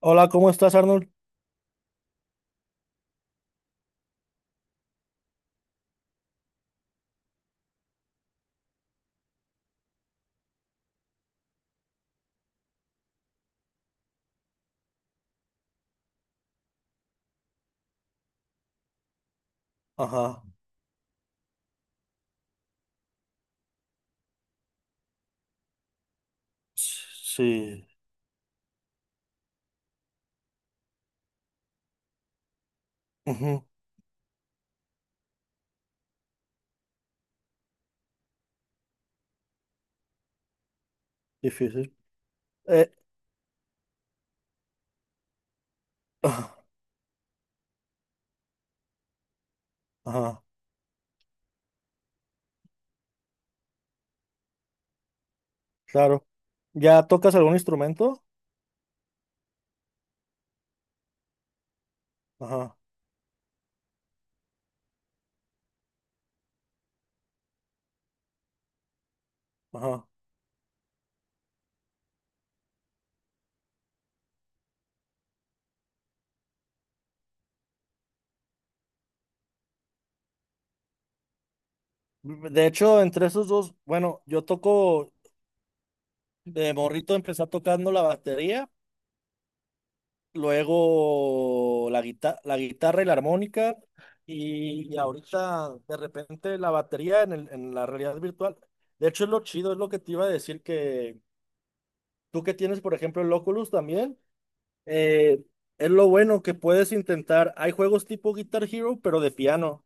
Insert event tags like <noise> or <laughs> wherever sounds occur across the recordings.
Hola, ¿cómo estás, Arnold? Ajá, sí, ujú, difícil. Eh, ah, ajá, claro. ¿Ya tocas algún instrumento? Ajá, ajá. De hecho, entre esos dos, bueno, yo toco, de morrito empecé tocando la batería, luego la guitarra y la armónica, y ahorita de repente la batería en la realidad virtual. De hecho, es lo chido, es lo que te iba a decir que tú que tienes, por ejemplo, el Oculus también. Eh, es lo bueno que puedes intentar. Hay juegos tipo Guitar Hero, pero de piano,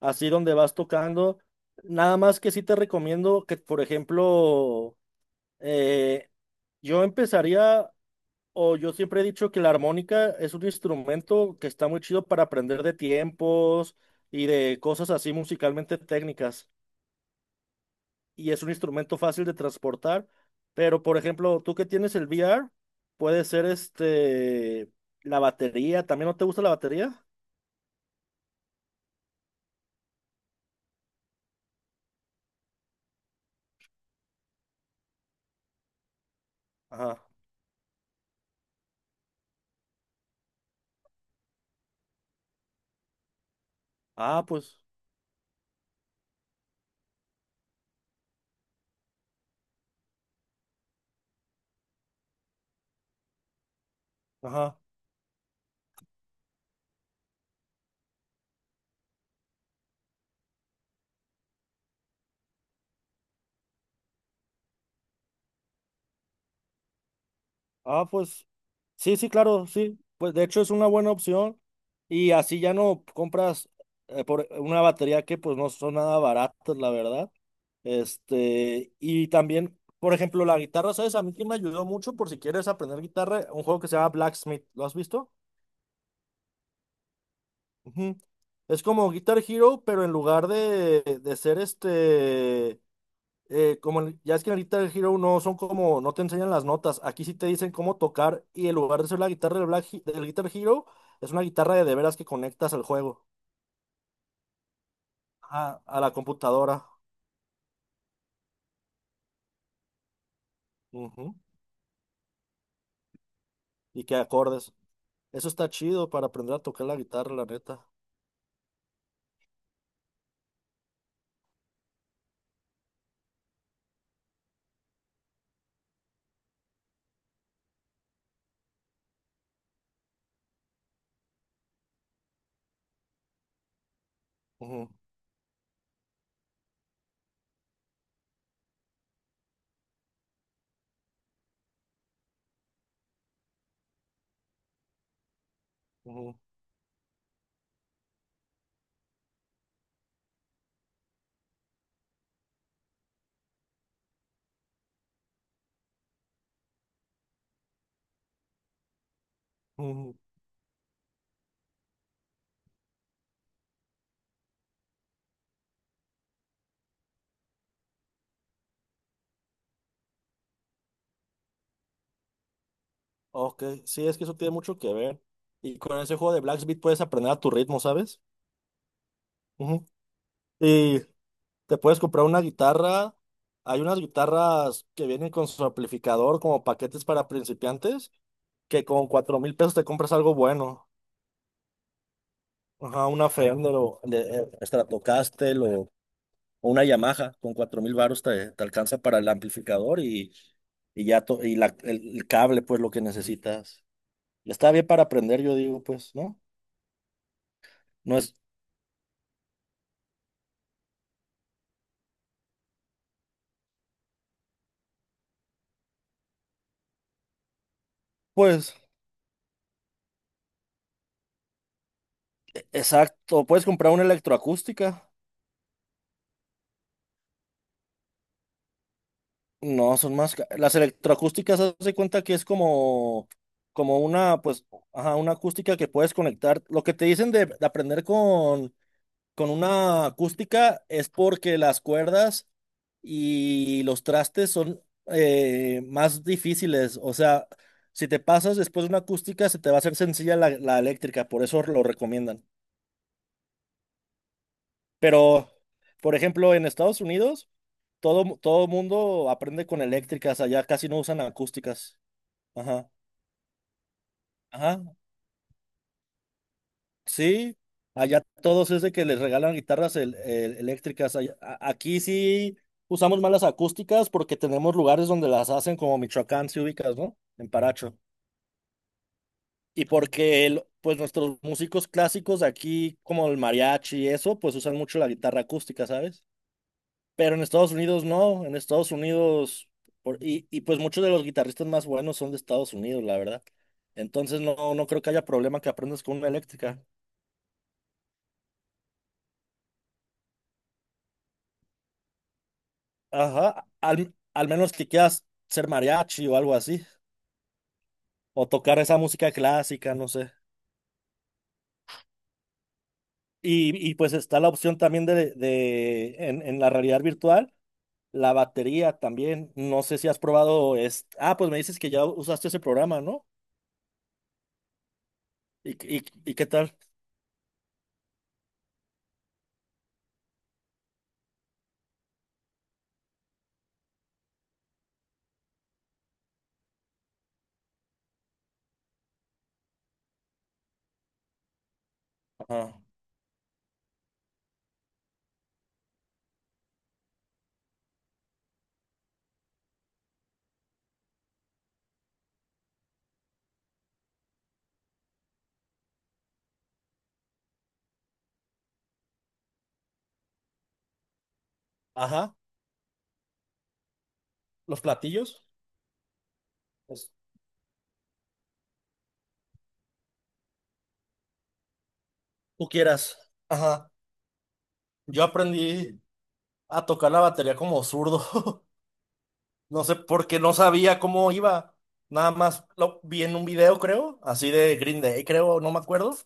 así donde vas tocando. Nada más que sí te recomiendo que, por ejemplo, eh, yo empezaría, o yo siempre he dicho que la armónica es un instrumento que está muy chido para aprender de tiempos y de cosas así musicalmente técnicas. Y es un instrumento fácil de transportar, pero por ejemplo, tú que tienes el VR, puede ser este, la batería, ¿también no te gusta la batería? Ajá. Ah, pues, ajá. Ah, pues, sí, sí, claro, sí. Pues de hecho es una buena opción y así ya no compras por una batería que pues no son nada baratas, la verdad. Este, y también, por ejemplo, la guitarra, ¿sabes? A mí que me ayudó mucho por si quieres aprender guitarra, un juego que se llama Blacksmith, ¿lo has visto? Ujú. Es como Guitar Hero, pero en lugar de ser este, ya es que en Guitar Hero no son como, no te enseñan las notas, aquí sí te dicen cómo tocar y en lugar de ser la guitarra del Guitar Hero, es una guitarra de veras que conectas al juego, a la computadora. Ujú, y que acordes. Eso está chido para aprender a tocar la guitarra, la neta. Ujú, ujú, ujú. Ok, sí, es que eso tiene mucho que ver. Y con ese juego de Blacksmith puedes aprender a tu ritmo, ¿sabes? Ujú. Y te puedes comprar una guitarra. Hay unas guitarras que vienen con su amplificador como paquetes para principiantes, que con 4,000 pesos te compras algo bueno. Ajá, una Fender o Stratocaster o una Yamaha. Con 4,000 varos te alcanza para el amplificador y el cable, pues lo que necesitas. Y está bien para aprender, yo digo, pues, ¿no? No es, pues. Exacto, puedes comprar una electroacústica. No, son más. Las electroacústicas, haz de cuenta que es como, como una, pues, ajá, una acústica que puedes conectar. Lo que te dicen de aprender con una acústica es porque las cuerdas y los trastes son más difíciles. O sea, si te pasas después de una acústica, se te va a hacer sencilla la eléctrica, por eso lo recomiendan. Pero, por ejemplo, en Estados Unidos. Todo mundo aprende con eléctricas, allá casi no usan acústicas. Ajá, ajá, sí. Allá todos es de que les regalan guitarras eléctricas. Aquí sí usamos más las acústicas porque tenemos lugares donde las hacen, como Michoacán, si ubicas, ¿no? En Paracho. Y porque, pues, nuestros músicos clásicos de aquí, como el mariachi y eso, pues usan mucho la guitarra acústica, ¿sabes? Pero en Estados Unidos no, en Estados Unidos, pues muchos de los guitarristas más buenos son de Estados Unidos, la verdad. Entonces no, no creo que haya problema que aprendas con una eléctrica. Ajá, al menos que quieras ser mariachi o algo así, o tocar esa música clásica, no sé. Y pues está la opción también de en la realidad virtual, la batería también. No sé si has probado, ah, pues me dices que ya usaste ese programa, ¿no? ¿Y, y qué tal? Ajá, ajá, los platillos. Tú quieras. Ajá. Yo aprendí a tocar la batería como zurdo. <laughs> No sé, porque no sabía cómo iba. Nada más lo vi en un video, creo, así de Green Day, creo, no me acuerdo.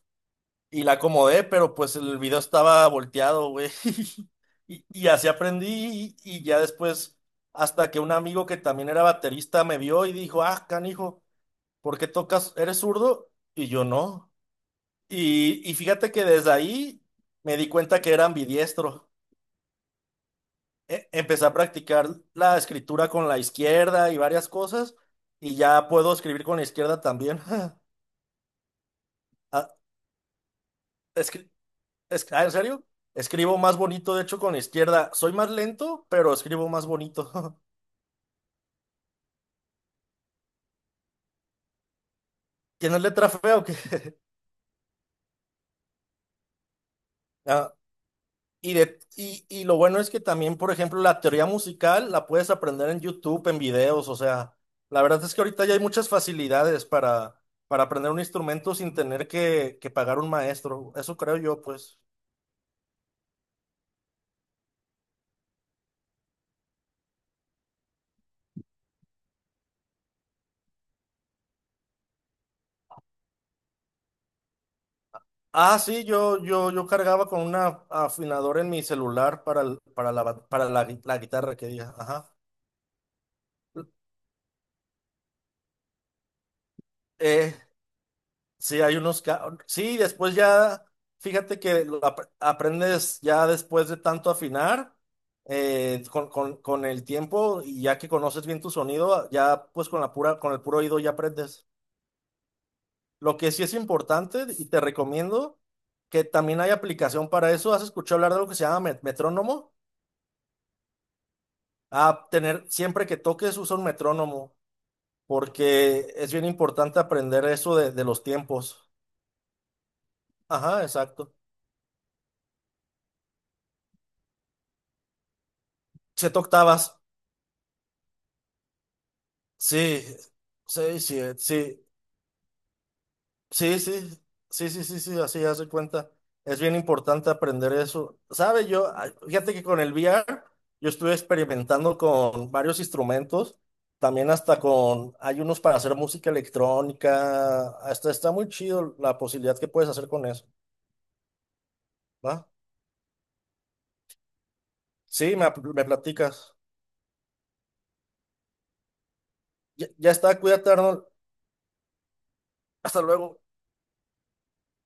Y la acomodé, pero pues el video estaba volteado, güey. <laughs> Y así aprendí. Y ya después, hasta que un amigo que también era baterista me vio y dijo, ah, canijo, ¿por qué tocas? ¿Eres zurdo? Y yo no. Y fíjate que desde ahí me di cuenta que era ambidiestro. Empecé a practicar la escritura con la izquierda y varias cosas, y ya puedo escribir con la izquierda también. <laughs> Ah, escri- ¿en serio? Escribo más bonito, de hecho, con la izquierda. Soy más lento, pero escribo más bonito. <laughs> ¿Tienes letra fea o qué? <laughs> Ah, y lo bueno es que también, por ejemplo, la teoría musical la puedes aprender en YouTube, en videos, o sea, la verdad es que ahorita ya hay muchas facilidades para, aprender un instrumento sin tener que pagar un maestro. Eso creo yo, pues. Ah, sí, yo cargaba con una afinadora en mi celular para, el- para, la, ba- para la, gui- la guitarra que diga. Ajá. Eh, sí, hay unos. Sí, después ya, fíjate que lo aprendes ya después de tanto afinar, con el tiempo y ya que conoces bien tu sonido, ya pues con el puro oído ya aprendes. Lo que sí es importante y te recomiendo que también hay aplicación para eso. ¿Has escuchado hablar de algo que se llama metrónomo? A tener, siempre que toques usa un metrónomo, porque es bien importante aprender eso de los tiempos. Ajá, exacto. Siete octavas. Sí, seis, siete, sí, sí, sí, sí, sí, sí, sí, así hace cuenta. Es bien importante aprender eso. ¿Sabe? Ay, fíjate que con el V R yo estuve experimentando con varios instrumentos, también hasta hay unos para hacer música electrónica, hasta está muy chido la posibilidad que puedes hacer con eso, ¿va? Sí, me platicas. Ya, ya está, cuídate, Arnold. Hasta luego.